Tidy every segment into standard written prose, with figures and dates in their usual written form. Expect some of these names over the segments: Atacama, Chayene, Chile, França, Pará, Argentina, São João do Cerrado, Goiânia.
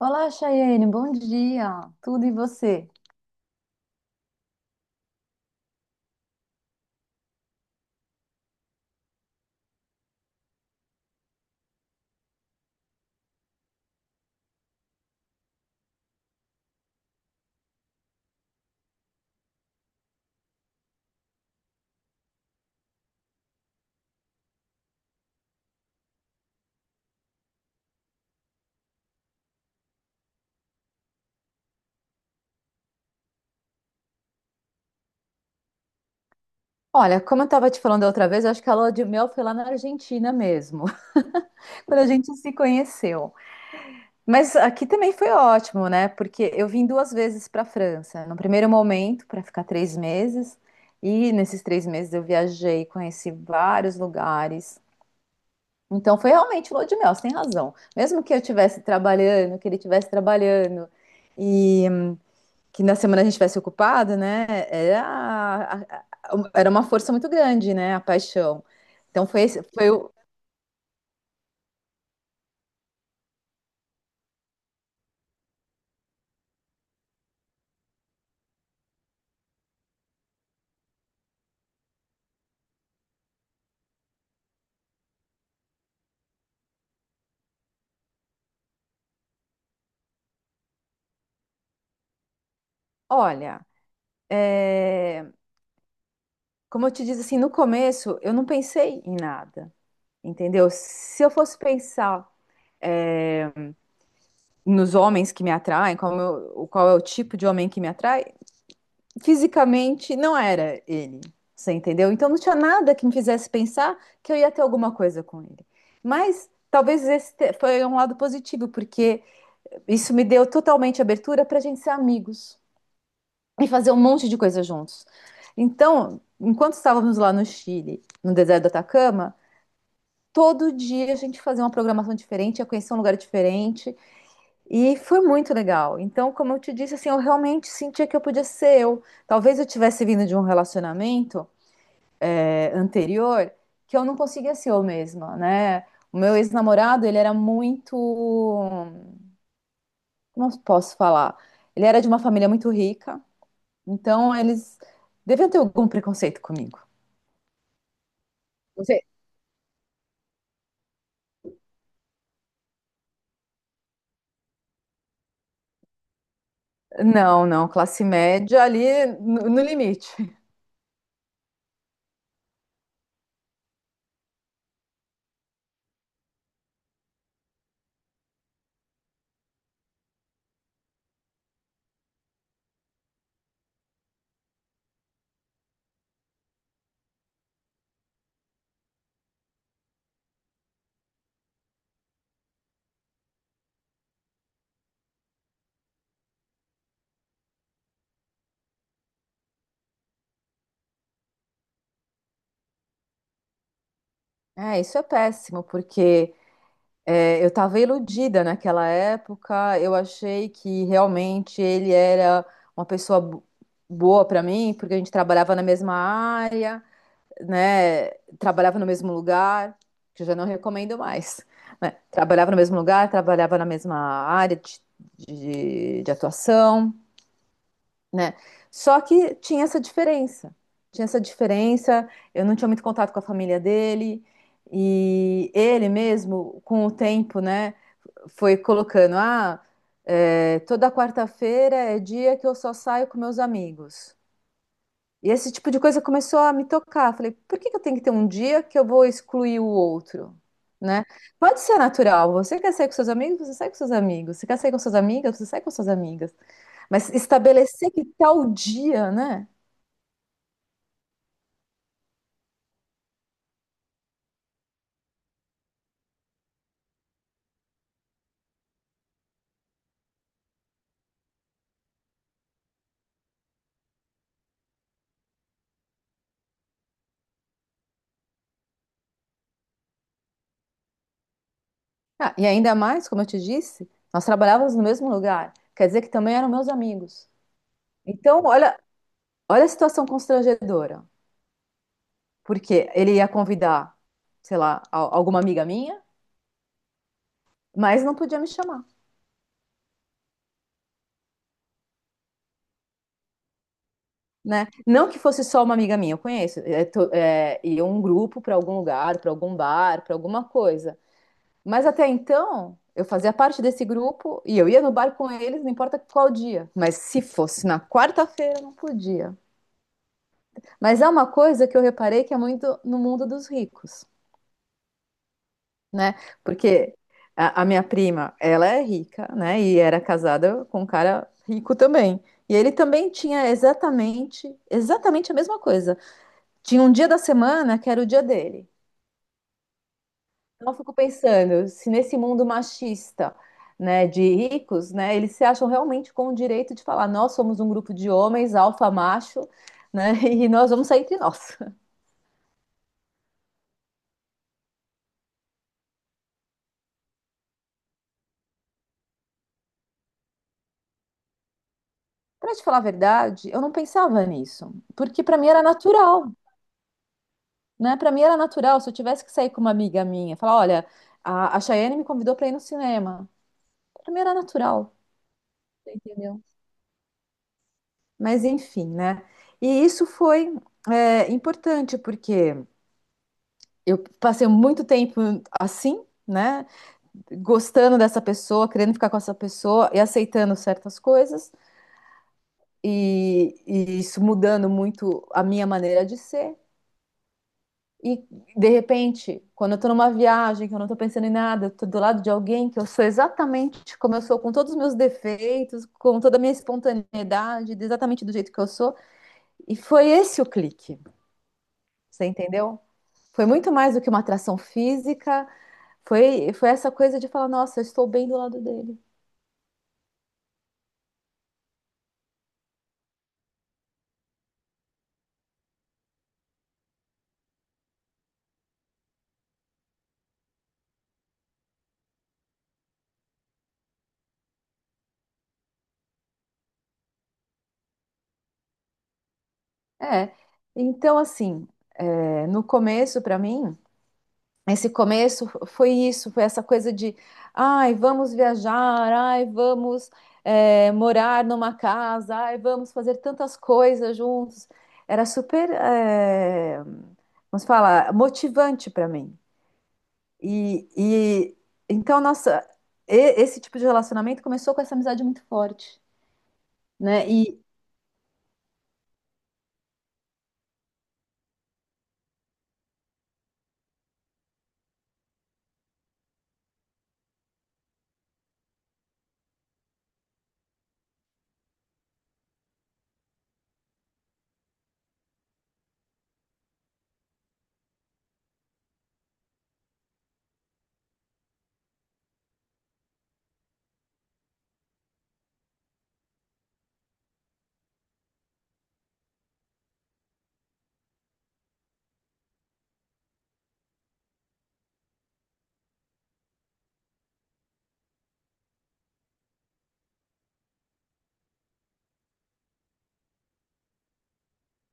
Olá, Chayene, bom dia. Tudo e você? Olha, como eu estava te falando da outra vez, eu acho que a lua de mel foi lá na Argentina mesmo, quando a gente se conheceu. Mas aqui também foi ótimo, né? Porque eu vim duas vezes para a França. No primeiro momento, para ficar 3 meses, e nesses 3 meses eu viajei, conheci vários lugares. Então foi realmente lua de mel, você tem razão. Mesmo que eu estivesse trabalhando, que ele estivesse trabalhando, que na semana a gente tivesse ocupado, né? A- era uma força muito grande, né? A paixão. Então foi, foi o. Olha, é, como eu te disse assim, no começo eu não pensei em nada, entendeu? Se eu fosse pensar nos homens que me atraem, o qual é o tipo de homem que me atrai, fisicamente não era ele. Você entendeu? Então não tinha nada que me fizesse pensar que eu ia ter alguma coisa com ele. Mas talvez foi um lado positivo, porque isso me deu totalmente abertura para a gente ser amigos e fazer um monte de coisa juntos. Então, enquanto estávamos lá no Chile, no deserto do Atacama, todo dia a gente fazia uma programação diferente, ia conhecer um lugar diferente, e foi muito legal. Então, como eu te disse, assim, eu realmente sentia que eu podia ser eu. Talvez eu tivesse vindo de um relacionamento anterior que eu não conseguia ser eu mesma, né? O meu ex-namorado, ele era muito, como eu posso falar? Ele era de uma família muito rica. Então, eles deviam ter algum preconceito comigo. Você. Não, não, classe média ali no limite. É, isso é péssimo, porque eu estava iludida naquela época, eu achei que realmente ele era uma pessoa boa para mim, porque a gente trabalhava na mesma área, né? Trabalhava no mesmo lugar, que eu já não recomendo mais, né? Trabalhava no mesmo lugar, trabalhava na mesma área de atuação, né? Só que tinha essa diferença. Tinha essa diferença, eu não tinha muito contato com a família dele, e ele mesmo, com o tempo, né, foi colocando, toda quarta-feira é dia que eu só saio com meus amigos. E esse tipo de coisa começou a me tocar. Falei, por que que eu tenho que ter um dia que eu vou excluir o outro? Né? Pode ser natural. Você quer sair com seus amigos, você sai com seus amigos. Você quer sair com suas amigas, você sai com suas amigas. Mas estabelecer que tal dia, né? Ah, e ainda mais, como eu te disse, nós trabalhávamos no mesmo lugar. Quer dizer que também eram meus amigos. Então, olha, olha a situação constrangedora. Porque ele ia convidar, sei lá, alguma amiga minha, mas não podia me chamar, né? Não que fosse só uma amiga minha, eu conheço. É, ia um grupo para algum lugar, para algum bar, para alguma coisa. Mas até então, eu fazia parte desse grupo e eu ia no bar com eles, não importa qual dia. Mas se fosse na quarta-feira, eu não podia. Mas é uma coisa que eu reparei que é muito no mundo dos ricos, né? Porque a minha prima, ela é rica, né? E era casada com um cara rico também. E ele também tinha exatamente, exatamente a mesma coisa. Tinha um dia da semana que era o dia dele. Então, eu fico pensando, se nesse mundo machista, né, de ricos, né, eles se acham realmente com o direito de falar, nós somos um grupo de homens, alfa macho, né, e nós vamos sair entre nós. Para te falar a verdade, eu não pensava nisso, porque para mim era natural, né? Para mim era natural, se eu tivesse que sair com uma amiga minha, falar, olha, a Chayane me convidou para ir no cinema. Para mim era natural, você entendeu? Mas enfim, né? E isso foi importante, porque eu passei muito tempo assim, né? Gostando dessa pessoa, querendo ficar com essa pessoa e aceitando certas coisas, e isso mudando muito a minha maneira de ser. E de repente, quando eu tô numa viagem, que eu não tô pensando em nada, eu tô do lado de alguém que eu sou exatamente como eu sou, com todos os meus defeitos, com toda a minha espontaneidade, exatamente do jeito que eu sou. E foi esse o clique, você entendeu? Foi muito mais do que uma atração física, foi essa coisa de falar, nossa, eu estou bem do lado dele. É. Então, assim, no começo, para mim, esse começo foi isso, foi essa coisa de, ai, vamos viajar, ai, vamos morar numa casa, ai, vamos fazer tantas coisas juntos. Era super, vamos falar, motivante para mim. E então, nossa, esse tipo de relacionamento começou com essa amizade muito forte, né? E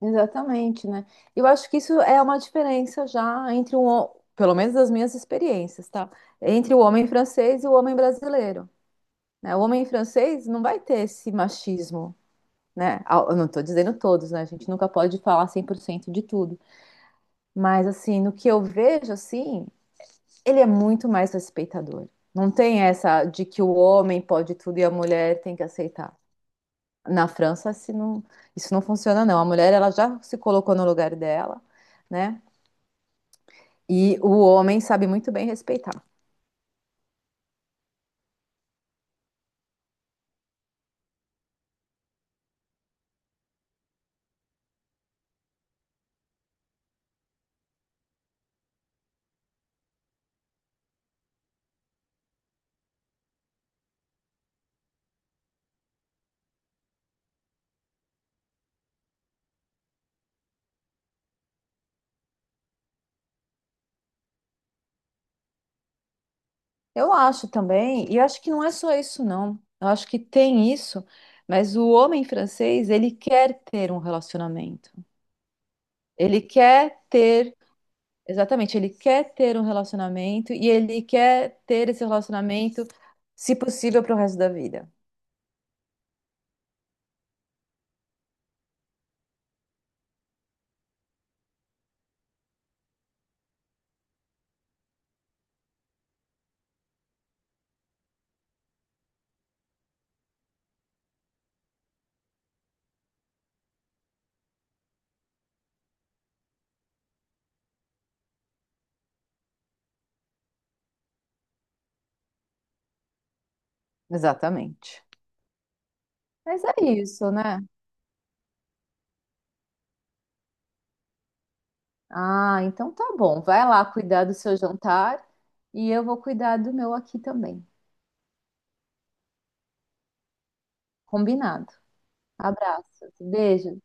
exatamente, né? Eu acho que isso é uma diferença já entre pelo menos das minhas experiências, tá? Entre o homem francês e o homem brasileiro, né? O homem francês não vai ter esse machismo, né? Ah, eu não tô dizendo todos, né? A gente nunca pode falar 100% de tudo, mas assim, no que eu vejo assim, ele é muito mais respeitador. Não tem essa de que o homem pode tudo e a mulher tem que aceitar. Na França, se não- isso não funciona, não. A mulher, ela já se colocou no lugar dela, né? E o homem sabe muito bem respeitar. Eu acho também, e acho que não é só isso, não. Eu acho que tem isso, mas o homem francês, ele quer ter um relacionamento. Ele quer ter. Exatamente, ele quer ter um relacionamento e ele quer ter esse relacionamento, se possível, para o resto da vida. Exatamente. Mas é isso, né? Ah, então tá bom. Vai lá cuidar do seu jantar e eu vou cuidar do meu aqui também. Combinado. Abraço, beijos.